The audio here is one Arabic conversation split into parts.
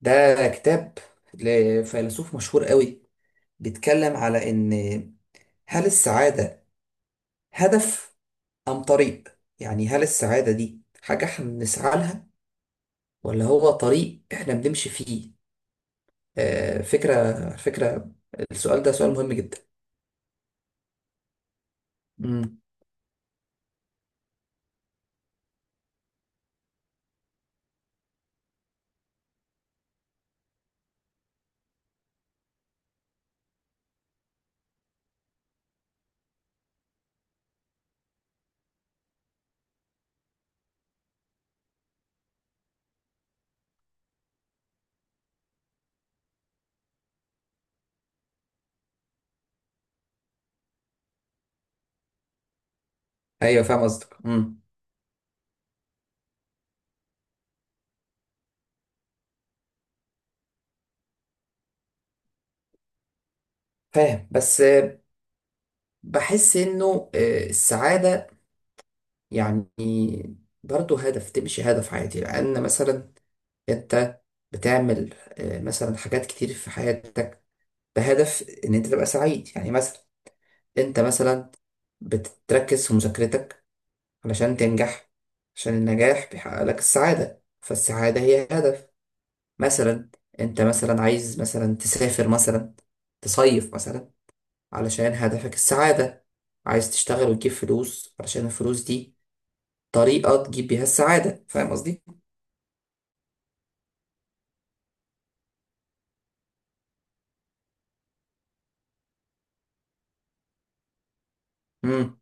ده كتاب لفيلسوف مشهور قوي، بيتكلم على ان هل السعادة هدف ام طريق؟ يعني هل السعادة دي حاجة احنا بنسعى لها، ولا هو طريق احنا بنمشي فيه؟ فكرة فكرة. السؤال ده سؤال مهم جدا. امم ايوه، فاهم قصدك. فاهم، بس بحس انه السعادة يعني برضه هدف، تمشي هدف عادي، لان مثلا انت بتعمل مثلا حاجات كتير في حياتك بهدف ان انت تبقى سعيد. يعني مثلا انت مثلا بتركز في مذاكرتك علشان تنجح، عشان النجاح بيحقق لك السعادة، فالسعادة هي هدف. مثلا انت مثلا عايز مثلا تسافر مثلا، تصيف مثلا، علشان هدفك السعادة. عايز تشتغل وتجيب فلوس علشان الفلوس دي طريقة تجيب بيها السعادة. فاهم قصدي؟ امم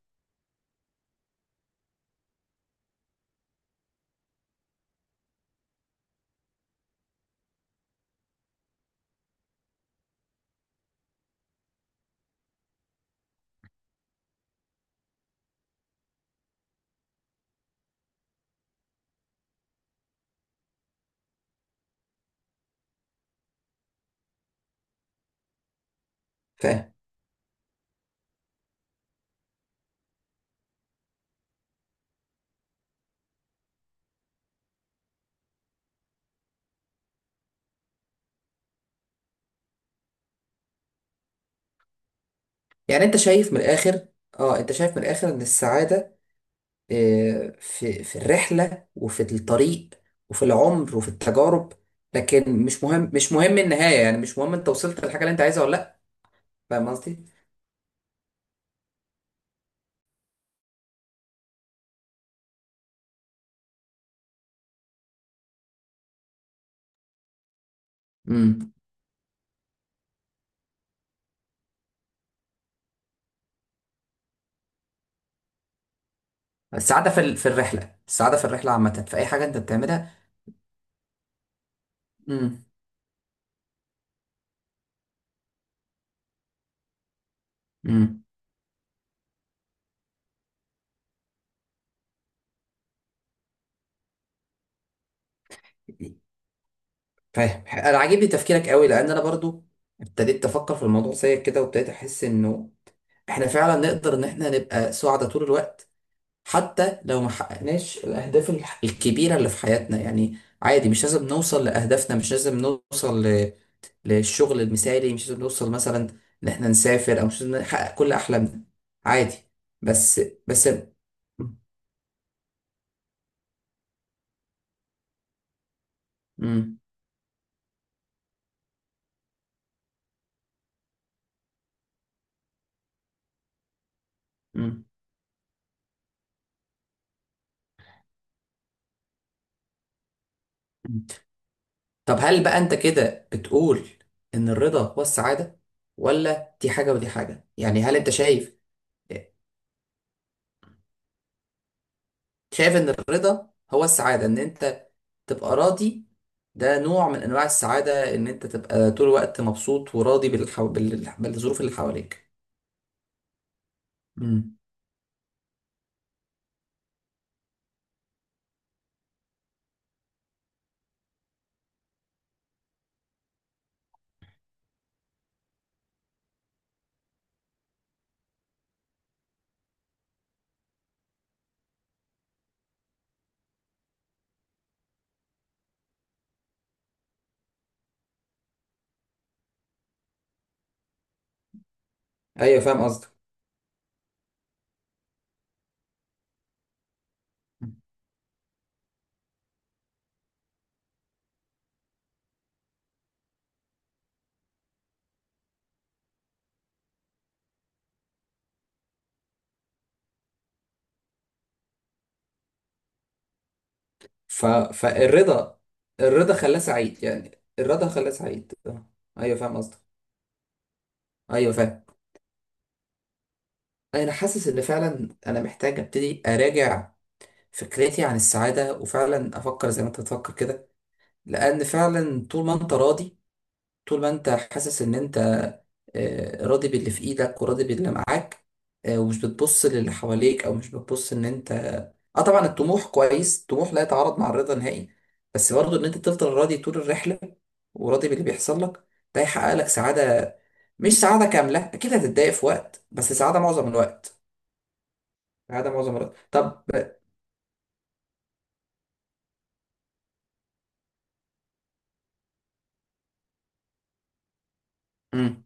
يعني انت شايف من الاخر، اه، انت شايف من الاخر ان السعادة في الرحلة، وفي الطريق، وفي العمر، وفي التجارب. لكن مش مهم، مش مهم النهاية، يعني مش مهم انت وصلت للحاجة اللي انت عايزها ولا لا. فاهم قصدي؟ امم السعادة في الرحلة. السعادة في الرحلة عامة، في اي حاجة انت بتعملها. امم امم فاهم، انا عاجبني تفكيرك قوي، لان انا برضو ابتديت افكر في الموضوع زيك كده، وابتديت احس انه احنا فعلا نقدر ان احنا نبقى سعداء طول الوقت، حتى لو ما حققناش الأهداف الكبيرة اللي في حياتنا. يعني عادي، مش لازم نوصل لأهدافنا، مش لازم نوصل للشغل المثالي، مش لازم نوصل مثلا إن إحنا نسافر، أو مش لازم نحقق كل أحلامنا. عادي. بس. بس. مم. مم. طب هل بقى أنت كده بتقول إن الرضا هو السعادة، ولا دي حاجة ودي حاجة؟ يعني هل أنت شايف، شايف ان الرضا هو السعادة، ان انت تبقى راضي. ده نوع من انواع السعادة، ان انت تبقى طول الوقت مبسوط وراضي بالظروف اللي حواليك. مم. ايوه، فاهم قصدك. فالرضا، الرضا خلاه سعيد. يعني الرضا خلاه سعيد. ايوه، فاهم قصدك. ايوه، فاهم. انا حاسس ان فعلا انا محتاج ابتدي اراجع فكرتي عن السعادة، وفعلا افكر زي ما انت بتفكر كده، لان فعلا طول ما انت راضي، طول ما انت حاسس ان انت راضي باللي في ايدك وراضي باللي معاك، ومش بتبص للي حواليك، او مش بتبص ان انت. اه، طبعا الطموح كويس، الطموح لا يتعارض مع الرضا نهائي، بس برضه ان انت تفضل راضي طول الرحلة، وراضي باللي بيحصل لك، ده يحقق لك سعادة. مش سعادة كاملة، اكيد هتتضايق في وقت، بس سعادة معظم الوقت. سعادة معظم الوقت. طب. امم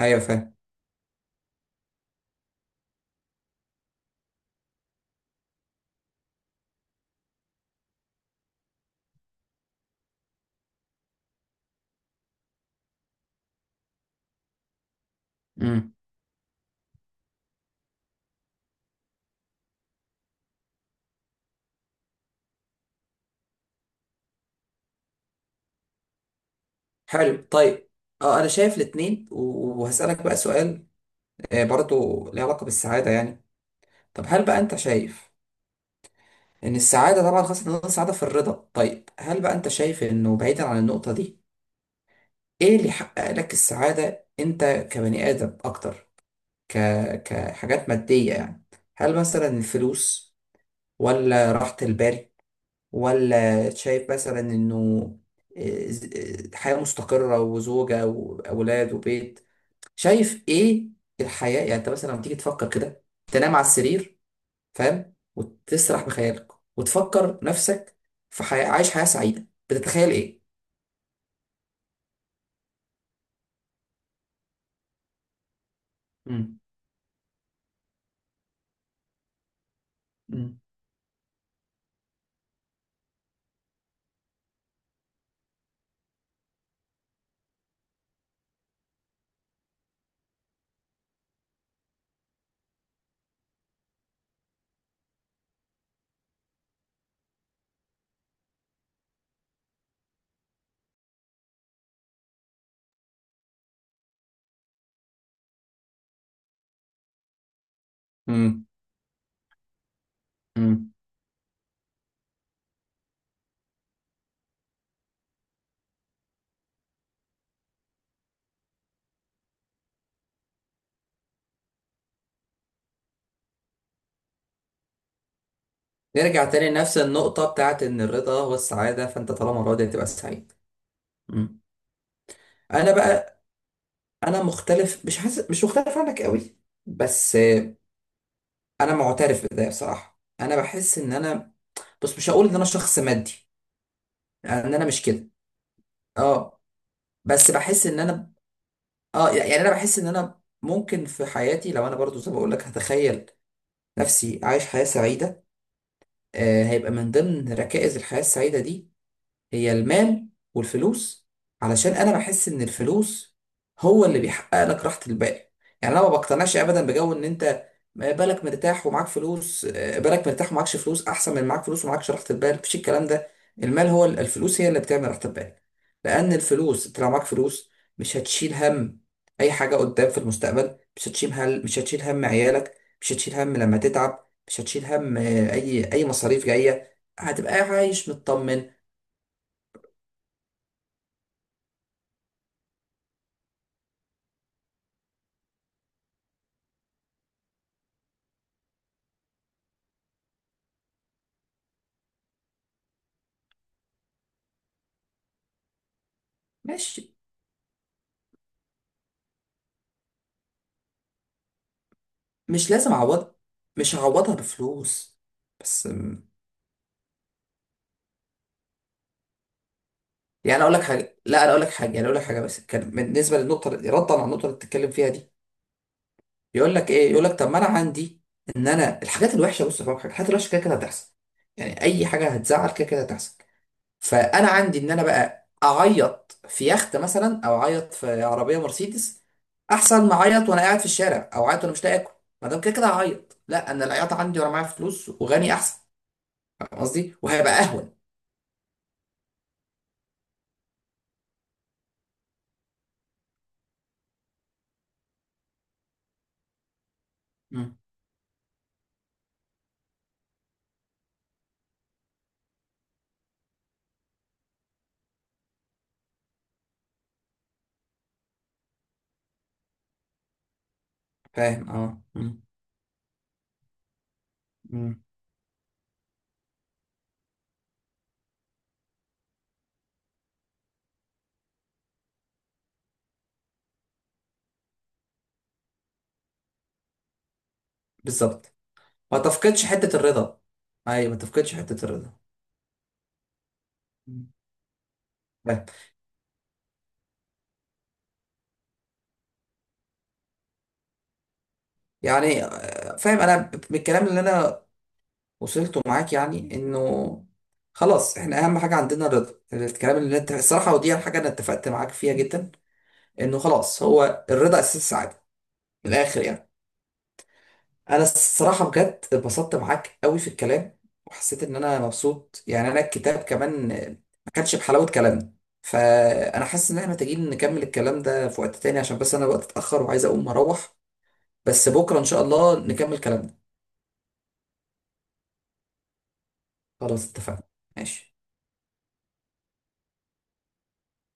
ايوه، فاهم. امم حلو، طيب. اه، انا شايف الاتنين، وهسألك بقى سؤال، برضه له علاقة بالسعادة يعني. طب هل بقى انت شايف ان السعادة، طبعا خاصة ان السعادة في الرضا، طيب هل بقى انت شايف انه بعيدا عن النقطة دي، ايه اللي يحقق لك السعادة انت كبني ادم اكتر؟ ك... كحاجات مادية يعني، هل مثلا الفلوس، ولا راحة البال، ولا شايف مثلا انه إيه، ز- حياة مستقرة وزوجة واولاد وبيت؟ شايف ايه الحياة؟ يعني انت مثلا لما تيجي تفكر كده، تنام على السرير، فاهم، وتسرح بخيالك وتفكر نفسك عايش حياة سعيدة، بتتخيل ايه؟ مم. مم. مم. مم. نرجع تاني لنفس النقطة بتاعت ان الرضا هو السعادة، فانت طالما راضي هتبقى سعيد. مم. انا بقى، انا مختلف، مش حاسس، مش مختلف عنك قوي، بس انا معترف بده بصراحه. انا بحس ان انا، بس مش هقول ان انا شخص مادي، يعني ان انا مش كده. اه، بس بحس ان انا، اه يعني انا بحس ان انا ممكن في حياتي، لو انا برضو زي ما بقول لك هتخيل نفسي عايش حياة سعيدة، هيبقى من ضمن ركائز الحياة السعيدة دي هي المال والفلوس. علشان انا بحس ان الفلوس هو اللي بيحقق لك راحة البال. يعني انا ما بقتنعش ابدا بجو ان انت بالك مرتاح ومعاك فلوس، بالك مرتاح ومعاكش فلوس احسن من معاك فلوس ومعاكش راحة البال. مفيش الكلام ده. المال، هو الفلوس هي اللي بتعمل راحة البال، لان الفلوس انت لو معاك فلوس مش هتشيل هم اي حاجة قدام في المستقبل، مش هتشيل هم، مش هتشيل هم عيالك، مش هتشيل هم لما تتعب، مش هتشيل هم اي مصاريف جاية، هتبقى عايش مطمن. ماشي، مش لازم اعوض، مش هعوضها بفلوس. بس يعني اقول لك حاجه، لا، انا اقول لك حاجه، يعني اقول لك حاجه بس كان بالنسبه للنقطه، ردا على النقطه اللي بتتكلم فيها دي، يقول لك ايه، يقول لك طب ما انا عندي ان انا الحاجات الوحشه، بص بقى، الحاجات الوحشه كده كده هتحصل، يعني اي حاجه هتزعل كده كده هتحصل، فانا عندي ان انا بقى اعيط في يخت مثلا، او اعيط في عربيه مرسيدس احسن ما اعيط وانا قاعد في الشارع، او اعيط وانا مش لاقي اكل. ما دام كده كده هعيط، لا، انا العياط عندي وانا معايا فلوس وغني احسن. فاهم قصدي؟ وهيبقى اهون. فاهم. اه. مم. مم. بالظبط. ما تفقدش حتة الرضا. ايوه، ما تفقدش حتة الرضا. مم. فاهم. يعني فاهم، انا من الكلام اللي انا وصلته معاك يعني انه خلاص احنا اهم حاجة عندنا الرضا. الكلام اللي انت، الصراحة ودي الحاجة انا اتفقت معاك فيها جدا، انه خلاص هو الرضا اساس السعادة، من الاخر يعني. انا الصراحه بجد اتبسطت معاك قوي في الكلام، وحسيت ان انا مبسوط. يعني انا الكتاب كمان ما كانش بحلاوه كلامنا، فانا حاسس ان احنا محتاجين نكمل الكلام ده في وقت تاني، عشان بس انا الوقت اتاخر وعايز اقوم اروح. بس بكره ان شاء الله نكمل كلامنا. خلاص، اتفقنا. ماشي.